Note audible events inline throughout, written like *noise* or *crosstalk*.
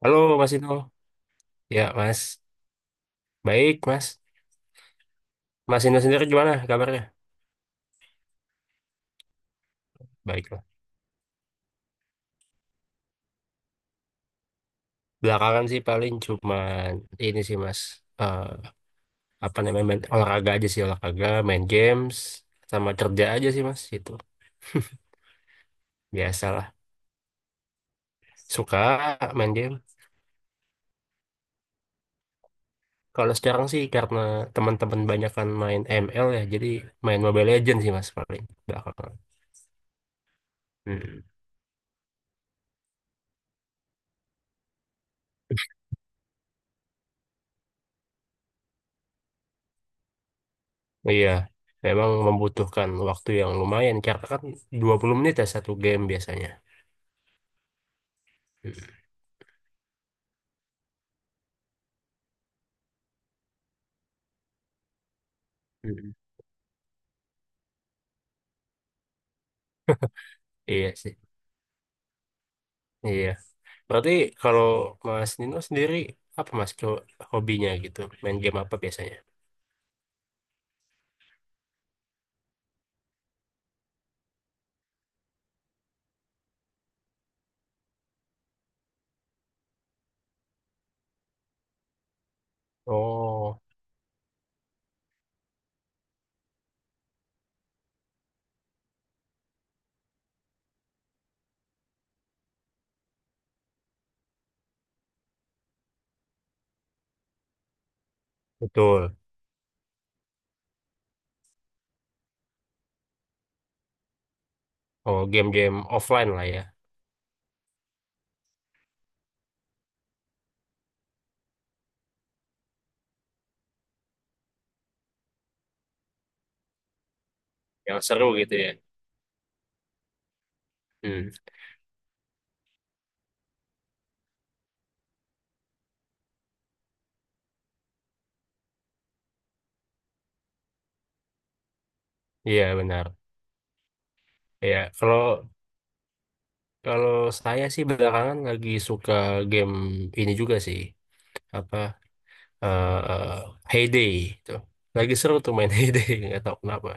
Halo Mas Inu. Ya Mas. Baik Mas. Mas Inu sendiri gimana kabarnya? Baik lah. Belakangan sih paling cuman ini sih Mas. Eh, apa namanya main olahraga aja sih olahraga, main games, sama kerja aja sih Mas. Itu biasalah. Suka main game. Kalau sekarang sih karena teman-teman banyak kan main ML ya, jadi main Mobile Legends sih Mas paling belakangan. Hmm. Iya. Memang membutuhkan waktu yang lumayan karena kan 20 menit ya satu game biasanya. Hmm. Hmm. Iya sih. Iya. Berarti kalau Mas Nino sendiri apa Mas hobinya gitu? Main game apa biasanya? Oh, betul. Oh, game-game offline lah ya. Yang seru gitu ya. Hmm. Iya benar. Iya, kalau kalau saya sih belakangan lagi suka game ini juga sih. Apa eh Heyday itu. Lagi seru tuh main *laughs* Heyday, nggak tahu kenapa.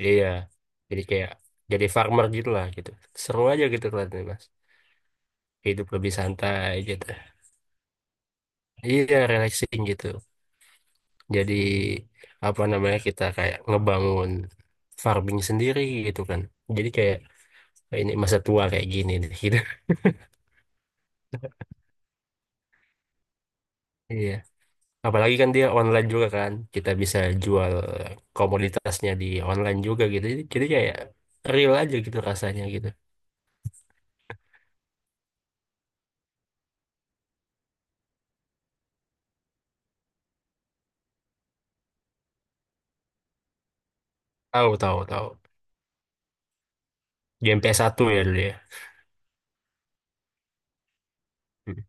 Iya. Jadi kayak jadi farmer gitu lah gitu. Seru aja gitu kelihatannya, Mas. Hidup lebih santai gitu. Iya, relaxing gitu. Jadi apa namanya kita kayak ngebangun farming sendiri gitu kan. Jadi kayak ini masa tua kayak gini nih gitu. *laughs* Iya. Apalagi kan dia online juga kan. Kita bisa jual komoditasnya di online juga gitu. Jadi kayak real aja gitu rasanya gitu. Tahu tahu tahu. Game PS1 ya dulu ya. Hmm.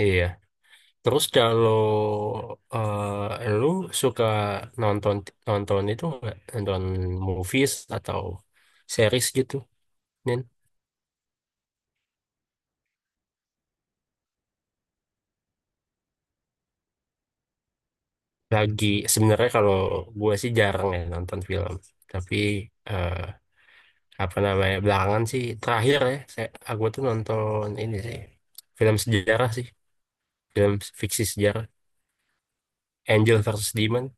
Iya. Terus kalau lu suka nonton nonton itu nggak nonton movies atau series gitu, Nin? Lagi sebenarnya kalau gue sih jarang ya nonton film, tapi eh, apa namanya belakangan sih terakhir ya, aku tuh nonton ini sih film sejarah sih, film fiksi sejarah Angel versus Demon.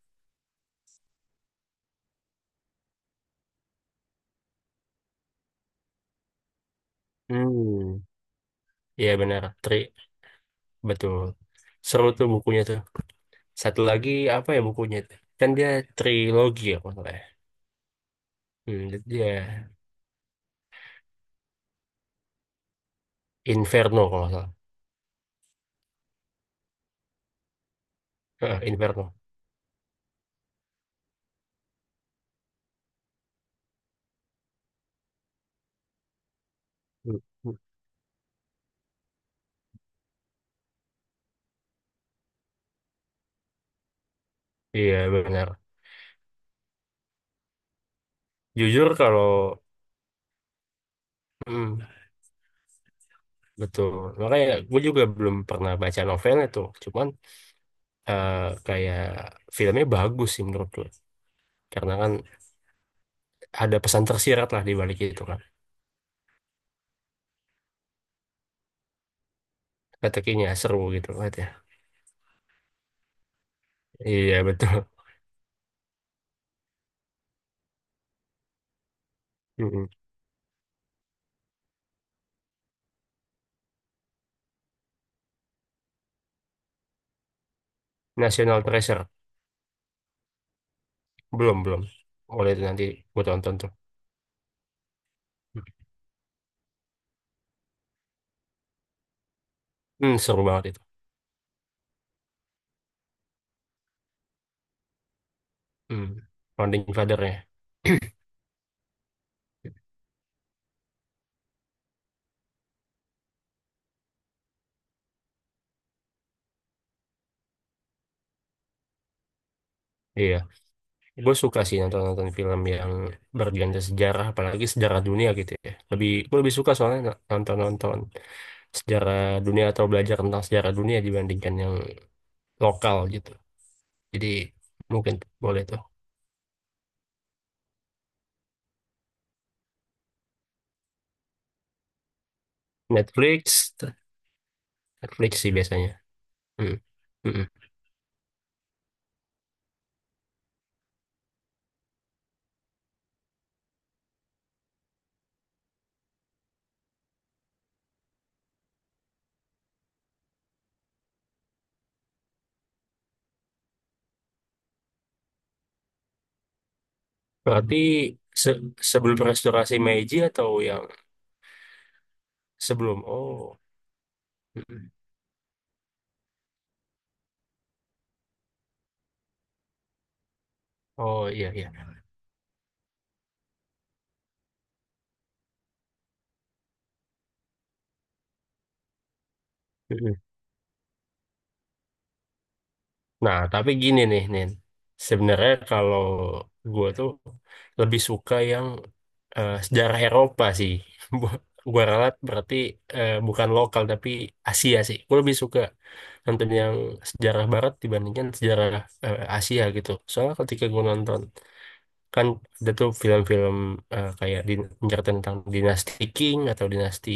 Hmm, iya benar, Tri, betul. Seru tuh bukunya tuh. Satu lagi apa ya bukunya itu? Kan dia trilogi ya kalau nggak salah. Ya. Hmm, dia Inferno kalau nggak salah. Heeh, Inferno. Hmm, hmm. Iya benar. Jujur kalau hmm, betul. Makanya gue juga belum pernah baca novelnya tuh. Cuman eh, kayak filmnya bagus sih menurut gue. Karena kan ada pesan tersirat lah di balik itu kan. Kata seru gitu kan ya. Iya betul. *laughs* Mm-mm. National Treasure belum belum. Boleh itu nanti gue tonton tuh. Hmm, hmm, seru banget itu. Hmm. Founding Father-nya. *clears throat* Iya. Gue suka sih nonton-nonton film yang bergenre sejarah, apalagi sejarah dunia gitu ya. Lebih, gue lebih suka soalnya nonton-nonton sejarah dunia atau belajar tentang sejarah dunia dibandingkan yang lokal gitu. Jadi mungkin boleh tuh. Netflix, Netflix sih biasanya. Hmm. Mm-mm. Berarti se- sebelum restorasi Meiji atau yang sebelum? Oh, Mm-mm. Oh iya iya. Hmm, hmm. Nah, tapi gini nih, Nin. Sebenarnya kalau gue tuh lebih suka yang sejarah Eropa sih. *laughs* Gue ralat berarti bukan lokal tapi Asia sih. Gue lebih suka nonton yang sejarah Barat dibandingkan sejarah Asia gitu. Soalnya ketika gue nonton kan ada tuh film-film kayak di, menceritakan tentang dinasti Qing atau dinasti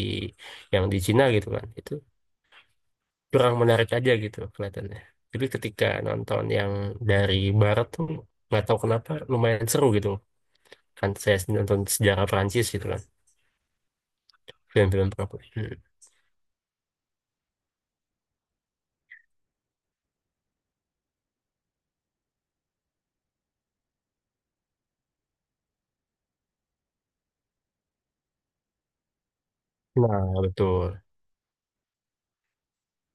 yang di Cina gitu kan. Itu kurang menarik aja gitu kelihatannya. Jadi ketika nonton yang dari barat tuh nggak tahu kenapa lumayan seru gitu kan saya nonton sejarah Prancis gitu kan film-film Prancis. Hmm. Nah betul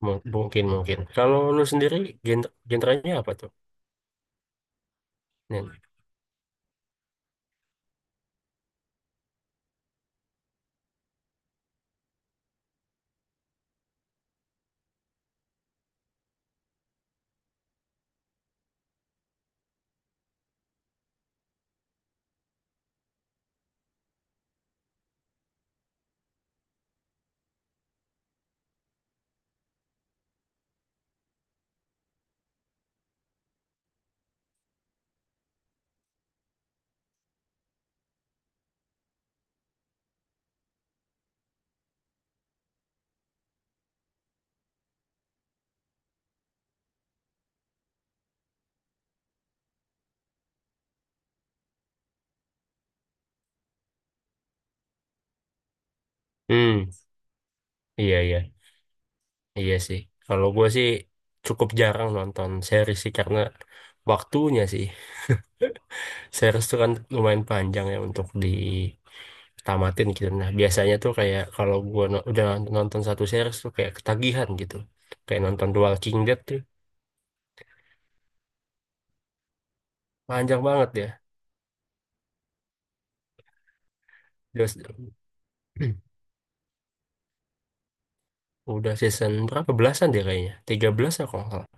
Mu- mungkin mungkin. Kalau lu sendiri genrenya apa tuh? Nen? Hmm iya iya iya sih. Kalau gue sih cukup jarang nonton seri sih karena waktunya sih. Series tuh kan lumayan panjang ya untuk ditamatin gitu. Nah, biasanya tuh kayak kalau gua udah nonton satu series tuh kayak ketagihan gitu. Kayak nonton The Walking Dead tuh panjang banget ya. Udah, *clears throat* udah season berapa belasan dia kayaknya? 13 ya kalau nggak salah.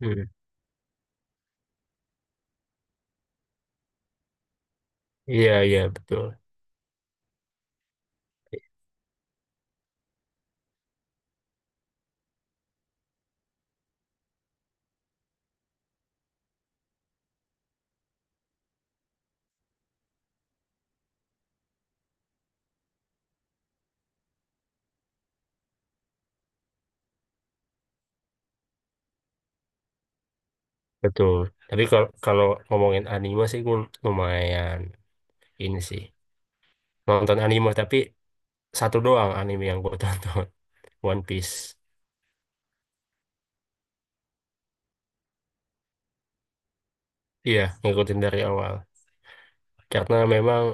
Hmm. Iya, iya, betul. Betul. Tapi kalau kalau ngomongin anime sih gue lumayan ini sih. Nonton anime tapi satu doang anime yang gue tonton, *laughs* One Piece. Iya, ngikutin dari awal. Karena memang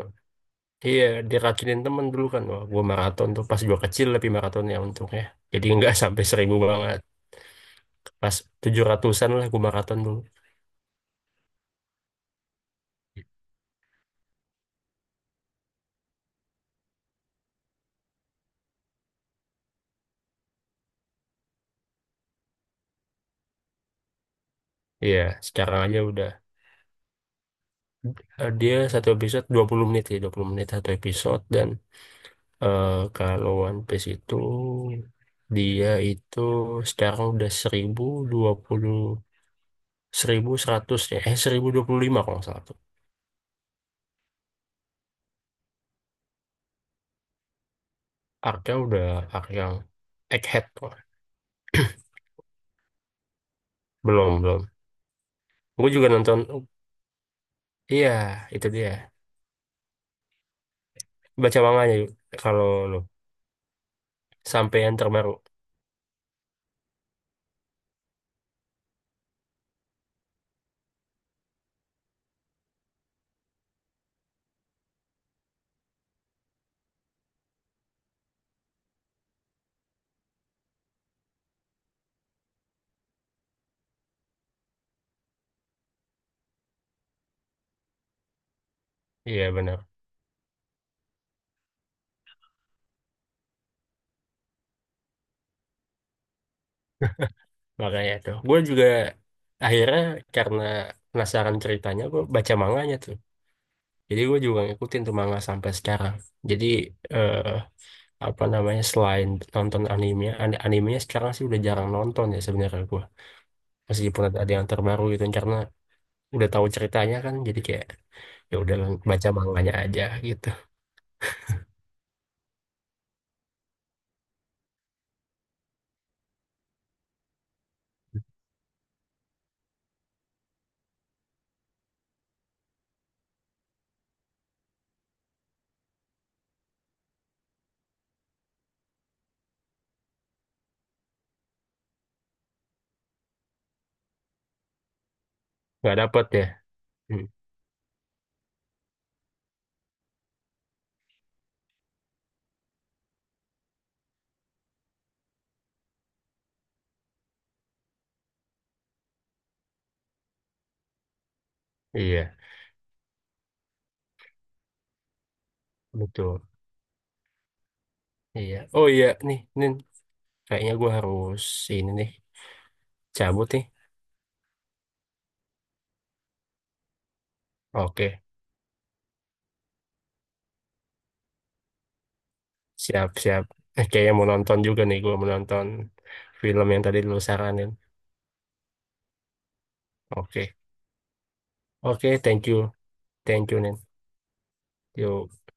iya, diracunin temen dulu kan. Wah, gue maraton tuh pas gue kecil lebih maraton ya untungnya. Jadi nggak *laughs* sampai seribu banget. Pas tujuh ratusan lah gue maraton dulu. Iya, sekarang aja udah. Dia satu episode 20 menit ya, 20 menit satu episode. Dan eh, kalau One Piece itu, dia itu sekarang udah 1.020 1.100 ya. Eh, 1.025 kalau nggak salah tuh. Arc-nya udah arc yang Egghead tuh. *clears throat* Belum, belum. Gue juga nonton, iya, itu dia. Baca manganya yuk, kalau lu sampai yang terbaru. Iya benar. Makanya itu. Gue juga akhirnya karena penasaran ceritanya, gue baca manganya tuh. Jadi gue juga ngikutin tuh manga sampai sekarang. Jadi eh, apa namanya selain nonton anime, animenya sekarang sih udah jarang nonton ya sebenarnya gue. Meskipun ada yang terbaru gitu karena udah tahu ceritanya kan, jadi kayak ya udah baca manganya aja gitu. Nggak dapet ya. Hmm, iya, betul. Iya. Oh iya, nih, nih kayaknya gue harus ini nih cabut nih. Oke, siap-siap. Eh, kayaknya mau nonton juga nih, gue mau nonton film yang tadi lu saranin. Oke, oke, thank you, Nin. Yuk.